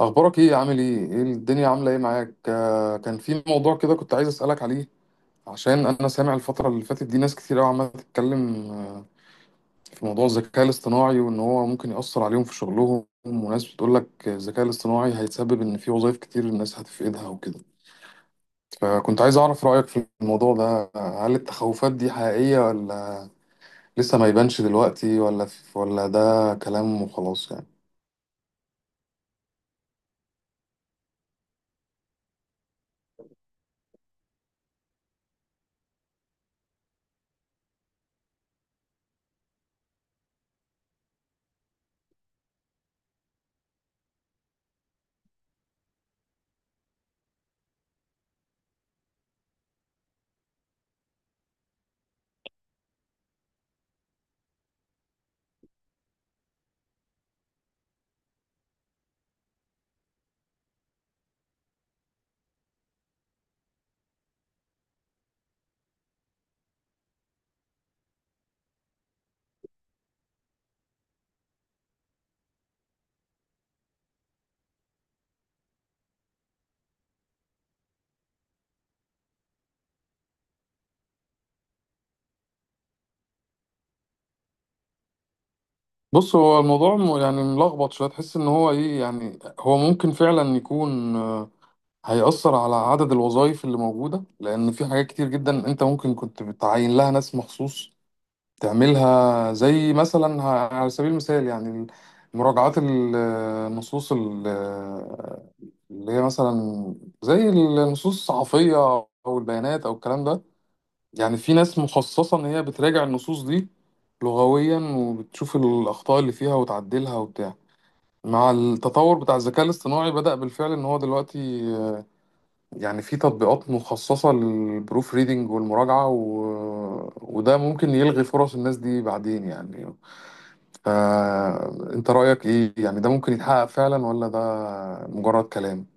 اخبارك ايه؟ عامل ايه؟ ايه الدنيا عامله ايه معاك؟ كان في موضوع كده كنت عايز اسالك عليه. عشان انا سامع الفتره اللي فاتت دي ناس كتير قوي عماله تتكلم، في موضوع الذكاء الاصطناعي وان هو ممكن ياثر عليهم في شغلهم، وناس بتقول لك الذكاء الاصطناعي هيتسبب ان في وظائف كتير الناس هتفقدها وكده. فكنت عايز اعرف رايك في الموضوع ده، هل التخوفات دي حقيقيه، ولا لسه ما يبانش دلوقتي، ولا ولا ده كلام وخلاص يعني؟ بص هو الموضوع يعني ملخبط شويه. تحس ان هو ايه؟ يعني هو ممكن فعلا يكون، هيأثر على عدد الوظائف اللي موجوده، لان في حاجات كتير جدا انت ممكن كنت بتعين لها ناس مخصوص تعملها، زي مثلا على سبيل المثال يعني مراجعات النصوص اللي هي مثلا زي النصوص الصحفيه او البيانات او الكلام ده. يعني في ناس مخصصة إن هي بتراجع النصوص دي لغويا، وبتشوف الأخطاء اللي فيها وتعدلها وبتاع. مع التطور بتاع الذكاء الاصطناعي بدأ بالفعل إن هو دلوقتي، آه، يعني في تطبيقات مخصصة للبروف ريدنج والمراجعة وده ممكن يلغي فرص الناس دي بعدين يعني. فأنت رأيك إيه؟ يعني ده ممكن يتحقق فعلا، ولا ده مجرد كلام؟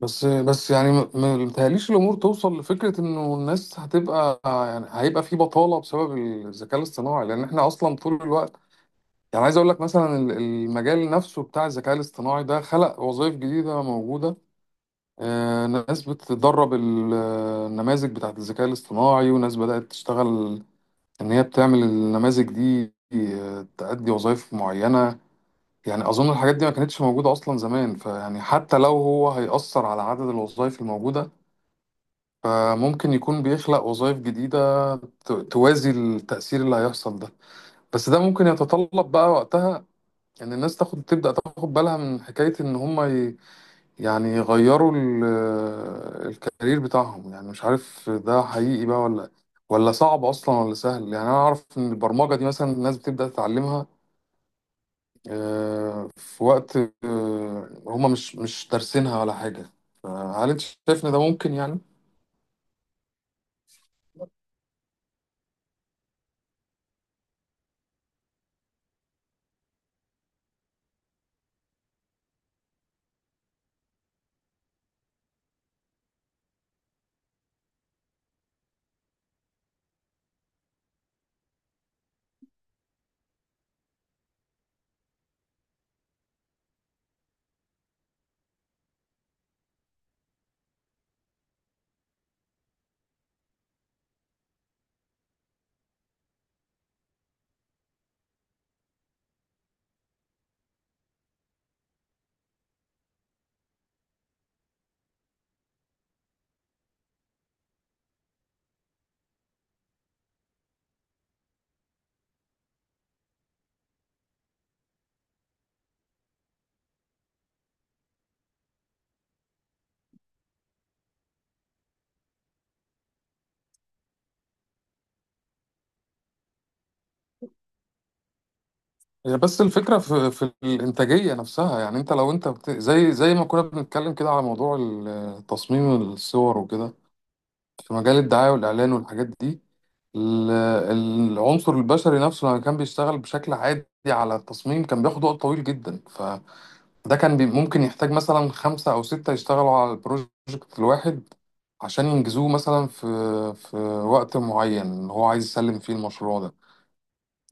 بس يعني ما متهيأليش الامور توصل لفكره انه الناس هتبقى، يعني هيبقى في بطاله بسبب الذكاء الاصطناعي، لان احنا اصلا طول الوقت يعني عايز اقول لك مثلا المجال نفسه بتاع الذكاء الاصطناعي ده خلق وظائف جديده موجوده. ناس بتدرب النماذج بتاعت الذكاء الاصطناعي، وناس بدات تشتغل ان هي بتعمل النماذج دي، تأدي وظائف معينه. يعني اظن الحاجات دي ما كانتش موجوده اصلا زمان، فيعني حتى لو هو هيأثر على عدد الوظائف الموجوده، فممكن يكون بيخلق وظائف جديدة توازي التأثير اللي هيحصل ده. بس ده ممكن يتطلب بقى وقتها ان الناس تاخد تبدأ تاخد بالها من حكاية ان هم يعني يغيروا الكارير بتاعهم. يعني مش عارف ده حقيقي بقى، ولا ولا صعب اصلا، ولا سهل. يعني انا اعرف ان البرمجة دي مثلا الناس بتبدأ تتعلمها، في وقت هم مش دارسينها ولا حاجة. فهل انت شايف ان ده ممكن يعني؟ هي بس الفكرة في الإنتاجية نفسها. يعني أنت لو أنت زي ما كنا بنتكلم كده على موضوع تصميم الصور وكده في مجال الدعاية والإعلان والحاجات دي، ال- العنصر البشري نفسه لما كان بيشتغل بشكل عادي على التصميم كان بياخد وقت طويل جدا. فده كان ممكن يحتاج مثلا خمسة أو ستة يشتغلوا على البروجكت الواحد عشان ينجزوه مثلا في في وقت معين هو عايز يسلم فيه المشروع ده.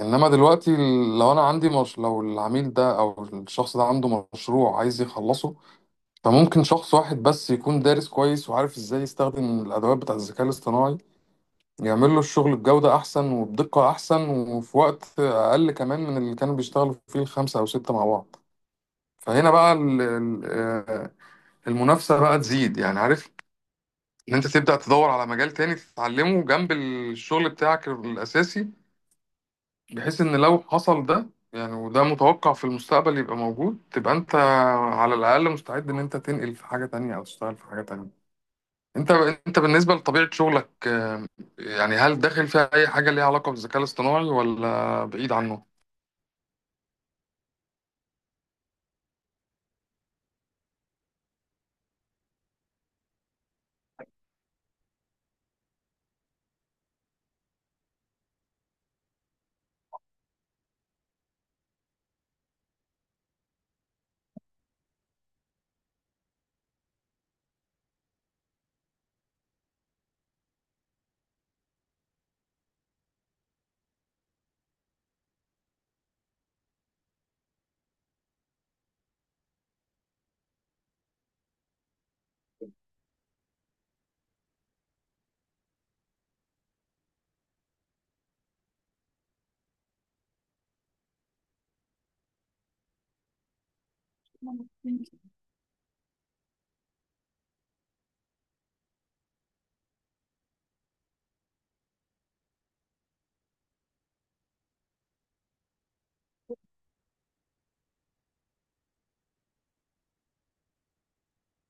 انما دلوقتي لو انا عندي مش... لو العميل ده او الشخص ده عنده مشروع عايز يخلصه، فممكن شخص واحد بس يكون دارس كويس وعارف ازاي يستخدم الادوات بتاع الذكاء الاصطناعي يعمل له الشغل بجودة احسن وبدقة احسن وفي وقت اقل كمان من اللي كانوا بيشتغلوا فيه الخمسة او ستة مع بعض. فهنا بقى المنافسة بقى تزيد. يعني عارف ان انت تبدأ تدور على مجال تاني تتعلمه جنب الشغل بتاعك الاساسي، بحيث ان لو حصل ده يعني، وده متوقع في المستقبل يبقى موجود، تبقى انت على الاقل مستعد ان انت تنقل في حاجه تانية او تشتغل في حاجه تانية. انت انت بالنسبه لطبيعه شغلك، يعني هل داخل فيها اي حاجه ليها علاقه بالذكاء الاصطناعي، ولا بعيد عنه؟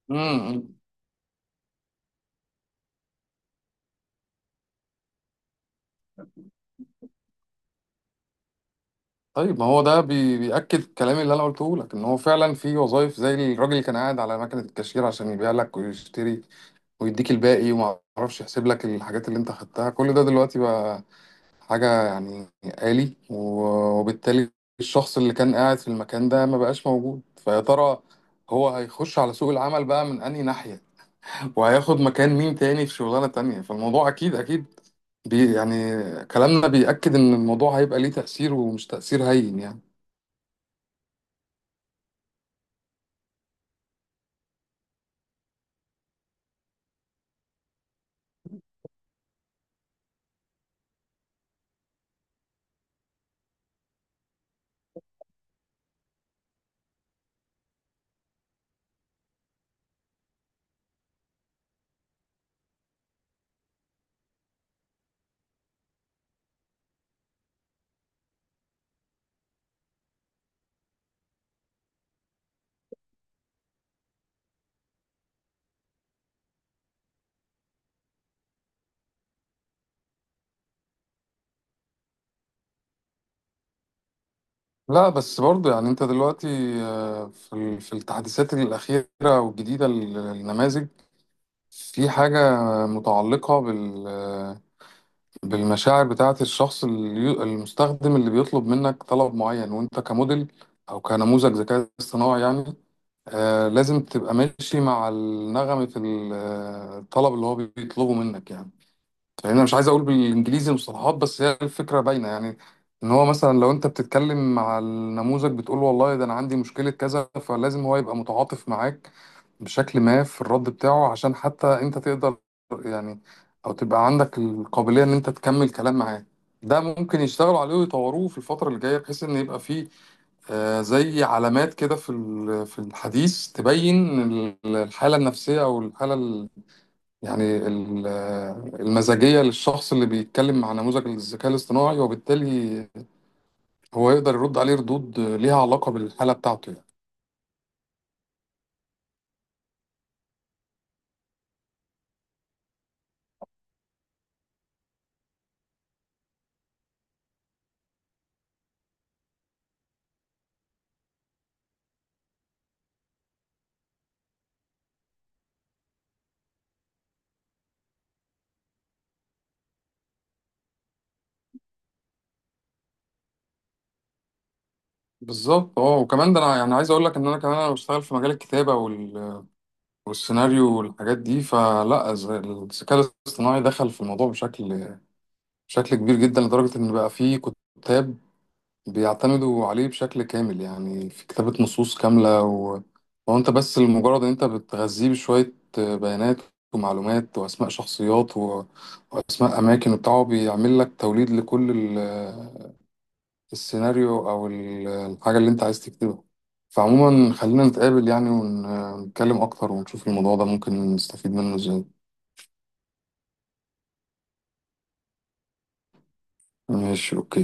امم طيب ما هو ده بيأكد الكلام اللي انا قلته لك ان هو فعلا في وظائف زي الراجل اللي كان قاعد على مكنه الكاشير عشان يبيع لك ويشتري ويديك الباقي وما اعرفش يحسب لك الحاجات اللي انت خدتها، كل ده دلوقتي بقى حاجة يعني آلي، وبالتالي الشخص اللي كان قاعد في المكان ده ما بقاش موجود. فيا ترى هو هيخش على سوق العمل بقى من أنهي ناحية، وهياخد مكان مين تاني في شغلانة تانية؟ فالموضوع أكيد أكيد بي يعني كلامنا بيأكد إن الموضوع هيبقى ليه تأثير، ومش تأثير هين يعني. لا بس برضه يعني أنت دلوقتي، في في التحديثات الأخيرة والجديدة للنماذج في حاجة متعلقة بال بالمشاعر بتاعة الشخص المستخدم اللي بيطلب منك طلب معين، وانت كموديل او كنموذج ذكاء اصطناعي يعني، آه لازم تبقى ماشي مع النغمة في الطلب اللي هو بيطلبه منك يعني. يعني انا مش عايز اقول بالانجليزي المصطلحات، بس هي الفكرة باينة يعني. ان هو مثلا لو انت بتتكلم مع النموذج بتقول له والله ده انا عندي مشكلة كذا، فلازم هو يبقى متعاطف معاك بشكل ما في الرد بتاعه، عشان حتى انت تقدر يعني او تبقى عندك القابلية ان انت تكمل كلام معاه. ده ممكن يشتغلوا عليه ويطوروه في الفترة اللي جاية، بحيث ان يبقى فيه، زي علامات كده في في الحديث تبين الحالة النفسية او الحالة يعني المزاجية للشخص اللي بيتكلم مع نموذج الذكاء الاصطناعي، وبالتالي هو يقدر يرد عليه ردود ليها علاقة بالحالة بتاعته يعني. بالظبط اه. وكمان ده انا يعني عايز اقول لك ان انا كمان انا بشتغل في مجال الكتابه والسيناريو والحاجات دي، فلا الذكاء الاصطناعي دخل في الموضوع بشكل بشكل كبير جدا، لدرجة إن بقى فيه كتاب بيعتمدوا عليه بشكل كامل يعني في كتابة نصوص كاملة وأنت بس لمجرد إن أنت بتغذيه بشوية بيانات ومعلومات وأسماء شخصيات وأسماء أماكن وبتاع، هو بيعمل لك توليد لكل السيناريو او الحاجه اللي انت عايز تكتبها. فعموما خلينا نتقابل يعني ونتكلم اكتر، ونشوف الموضوع ده ممكن نستفيد منه ازاي. ماشي، اوكي.